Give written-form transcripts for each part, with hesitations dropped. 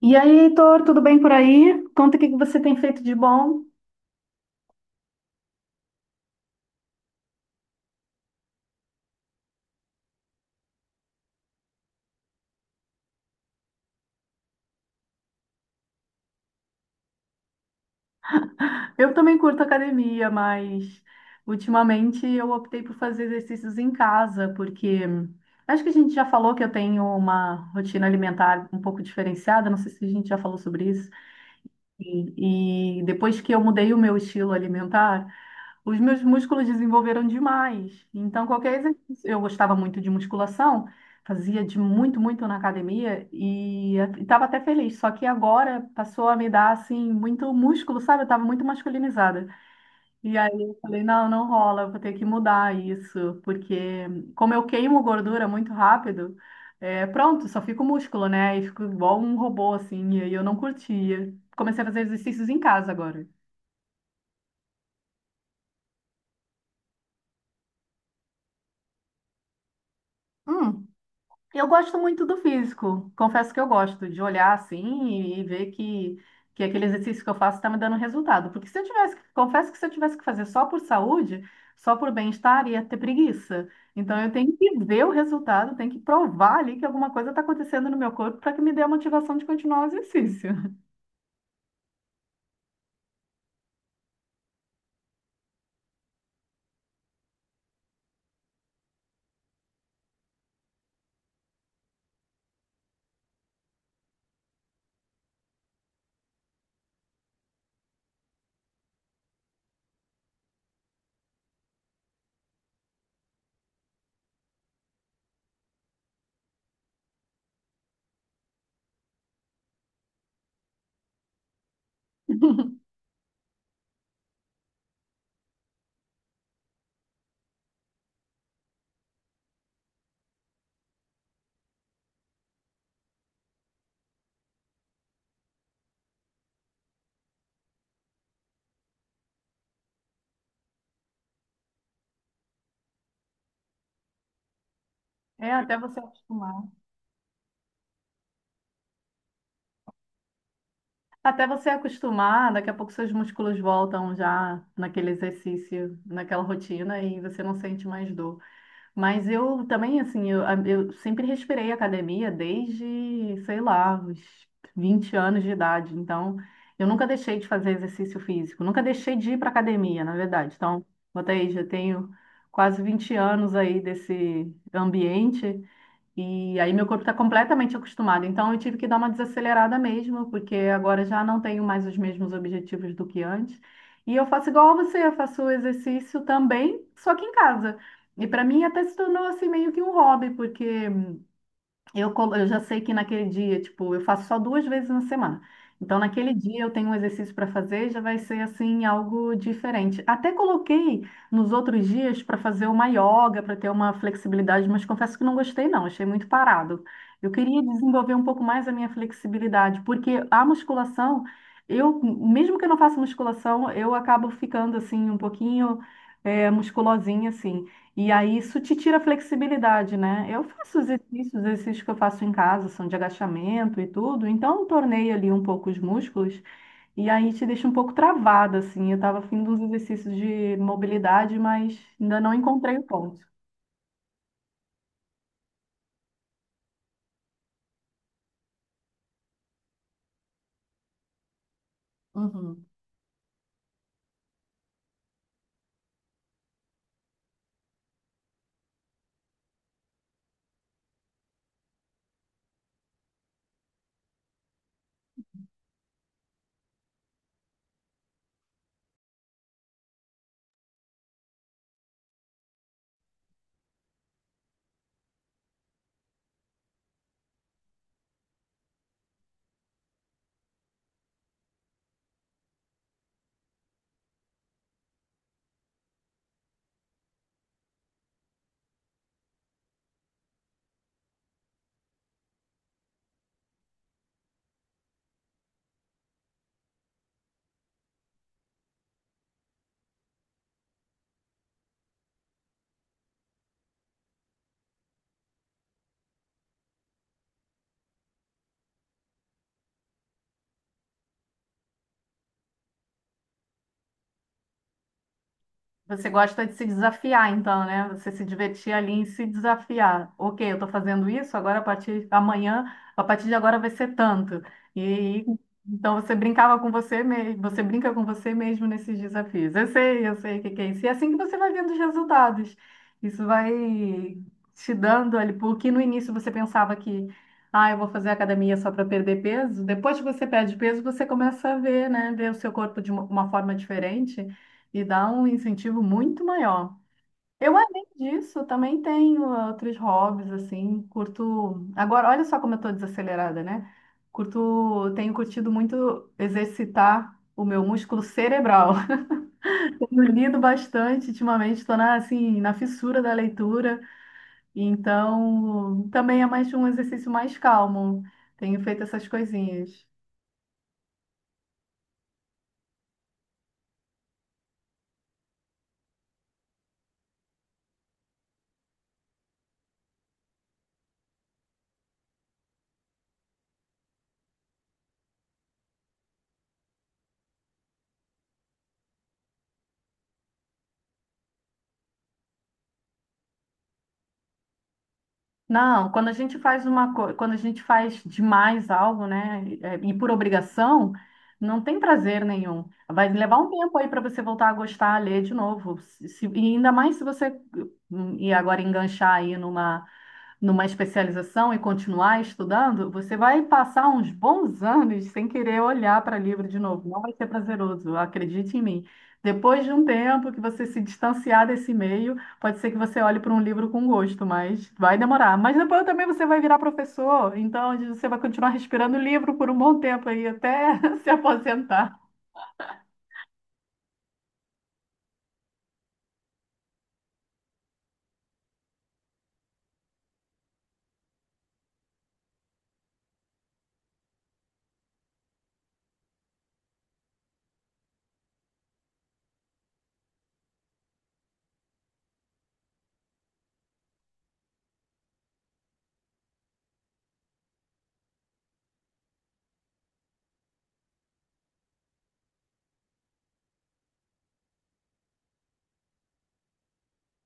E aí, Heitor, tudo bem por aí? Conta o que que você tem feito de bom. Eu também curto academia, mas ultimamente eu optei por fazer exercícios em casa, porque acho que a gente já falou que eu tenho uma rotina alimentar um pouco diferenciada, não sei se a gente já falou sobre isso. E depois que eu mudei o meu estilo alimentar, os meus músculos desenvolveram demais. Então, qualquer exercício. Eu gostava muito de musculação, fazia de muito, muito na academia e estava até feliz. Só que agora passou a me dar, assim, muito músculo, sabe? Eu estava muito masculinizada. E aí eu falei: não, não rola, eu vou ter que mudar isso. Porque, como eu queimo gordura muito rápido, é, pronto, só fico músculo, né? E fico igual um robô, assim. E aí eu não curtia. Comecei a fazer exercícios em casa agora. Hum. Eu gosto muito do físico. Confesso que eu gosto de olhar assim e ver que aquele exercício que eu faço está me dando resultado. Porque se eu tivesse, confesso que se eu tivesse que fazer só por saúde, só por bem-estar, ia ter preguiça. Então eu tenho que ver o resultado, tenho que provar ali que alguma coisa está acontecendo no meu corpo para que me dê a motivação de continuar o exercício. É, até você acostumar. Até você acostumar, daqui a pouco seus músculos voltam já naquele exercício, naquela rotina e você não sente mais dor. Mas eu também, assim, eu sempre respirei academia desde, sei lá, os 20 anos de idade. Então, eu nunca deixei de fazer exercício físico, nunca deixei de ir para academia, na verdade. Então, botei, já tenho quase 20 anos aí desse ambiente. E aí meu corpo está completamente acostumado. Então eu tive que dar uma desacelerada mesmo, porque agora já não tenho mais os mesmos objetivos do que antes. E eu faço igual a você, eu faço exercício também, só que em casa. E para mim até se tornou assim meio que um hobby, porque eu já sei que naquele dia, tipo, eu faço só 2 vezes na semana. Então, naquele dia eu tenho um exercício para fazer, já vai ser assim algo diferente. Até coloquei nos outros dias para fazer uma yoga, para ter uma flexibilidade, mas confesso que não gostei não, achei muito parado. Eu queria desenvolver um pouco mais a minha flexibilidade, porque a musculação, eu, mesmo que eu não faça musculação, eu acabo ficando assim um pouquinho musculosinha assim. E aí isso te tira a flexibilidade, né? Eu faço exercícios, os exercícios que eu faço em casa são de agachamento e tudo, então eu tornei ali um pouco os músculos e aí te deixa um pouco travada, assim. Eu tava afim de uns exercícios de mobilidade, mas ainda não encontrei o ponto. Uhum. Você gosta de se desafiar, então, né? Você se divertir ali em se desafiar. Ok, eu estou fazendo isso, agora a partir amanhã, a partir de agora vai ser tanto. E então você brincava com você mesmo, você brinca com você mesmo nesses desafios. Eu sei o que que é isso. E é assim que você vai vendo os resultados. Isso vai te dando ali, porque no início você pensava que, ah, eu vou fazer academia só para perder peso. Depois que você perde peso, você começa a ver, né? Ver o seu corpo de uma forma diferente e dá um incentivo muito maior. Eu, além disso, também tenho outros hobbies, assim, curto... Agora, olha só como eu tô desacelerada, né? Curto... Tenho curtido muito exercitar o meu músculo cerebral. Tenho lido bastante ultimamente, estou na, assim, na fissura da leitura, então também é mais um exercício mais calmo. Tenho feito essas coisinhas. Não, quando a gente faz uma coisa, quando a gente faz demais algo, né, e por obrigação, não tem prazer nenhum. Vai levar um tempo aí para você voltar a gostar, a ler de novo. E ainda mais se você e agora enganchar aí numa especialização e continuar estudando, você vai passar uns bons anos sem querer olhar para livro de novo. Não vai ser prazeroso, acredite em mim. Depois de um tempo que você se distanciar desse meio, pode ser que você olhe para um livro com gosto, mas vai demorar. Mas depois também você vai virar professor, então você vai continuar respirando livro por um bom tempo aí, até se aposentar.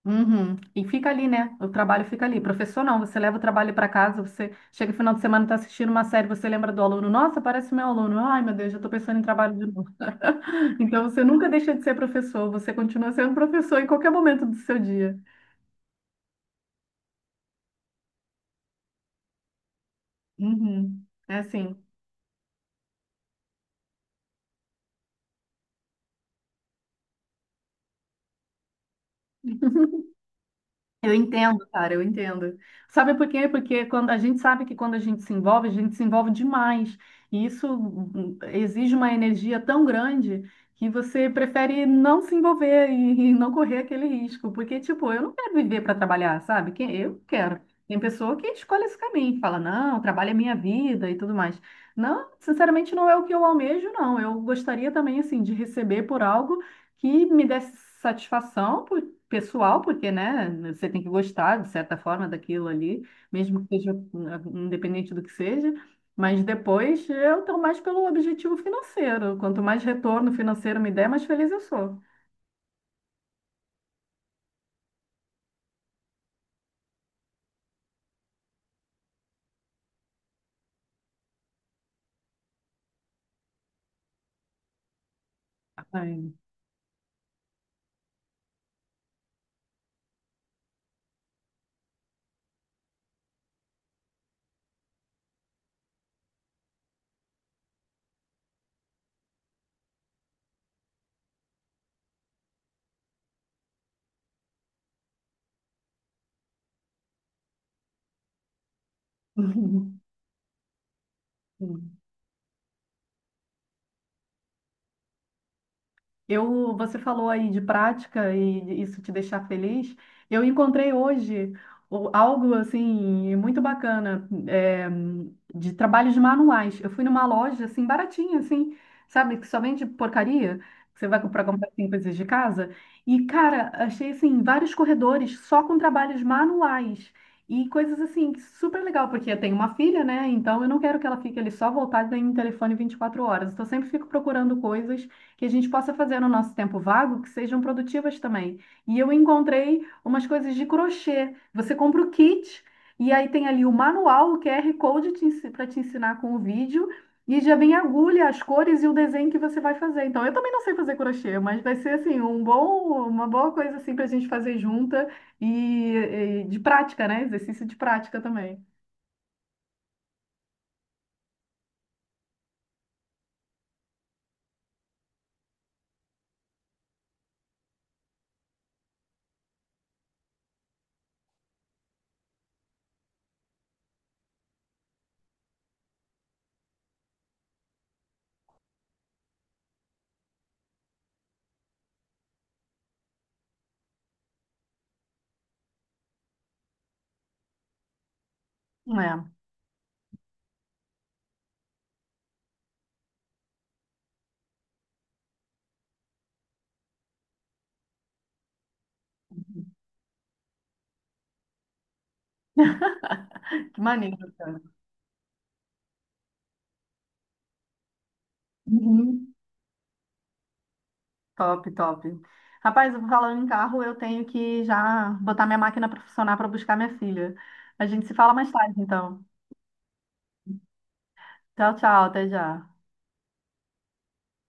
Uhum. E fica ali, né? O trabalho fica ali. Professor, não, você leva o trabalho para casa, você chega no final de semana, está assistindo uma série, você lembra do aluno, nossa, parece meu aluno. Ai, meu Deus, já estou pensando em trabalho de novo. Então você nunca deixa de ser professor, você continua sendo professor em qualquer momento do seu dia. Uhum. É assim. Eu entendo, cara, eu entendo. Sabe por quê? Porque quando a gente sabe que quando a gente se envolve, a gente se envolve demais. E isso exige uma energia tão grande que você prefere não se envolver e não correr aquele risco. Porque, tipo, eu não quero viver para trabalhar, sabe? Quem- Eu quero. Tem pessoa que escolhe esse caminho, que fala, não, trabalho é minha vida e tudo mais. Não, sinceramente, não é o que eu almejo, não. Eu gostaria também, assim, de receber por algo que me desse satisfação, pessoal, porque, né, você tem que gostar, de certa forma, daquilo ali, mesmo que seja independente do que seja, mas depois eu estou mais pelo objetivo financeiro. Quanto mais retorno financeiro me der, mais feliz eu sou. Ai. Eu, você falou aí de prática e isso te deixar feliz. Eu encontrei hoje algo assim muito bacana é, de trabalhos manuais. Eu fui numa loja assim baratinha, assim, sabe, que só vende porcaria. Que você vai comprar assim, coisas de casa. E cara, achei assim vários corredores só com trabalhos manuais e coisas assim que super legal porque eu tenho uma filha, né? Então eu não quero que ela fique ali só voltada em telefone 24 horas. Então eu sempre fico procurando coisas que a gente possa fazer no nosso tempo vago que sejam produtivas também. E eu encontrei umas coisas de crochê. Você compra o kit e aí tem ali o manual, o QR Code para te ensinar com o vídeo. E já vem a agulha, as cores e o desenho que você vai fazer. Então, eu também não sei fazer crochê, mas vai ser assim um bom, uma boa coisa assim para a gente fazer junta e de prática, né? Exercício de prática também. É, que maneiro, cara. Uhum. Top, top. Rapaz, falando em carro, eu tenho que já botar minha máquina para funcionar para buscar minha filha. A gente se fala mais tarde, então. Tchau, tchau, até já.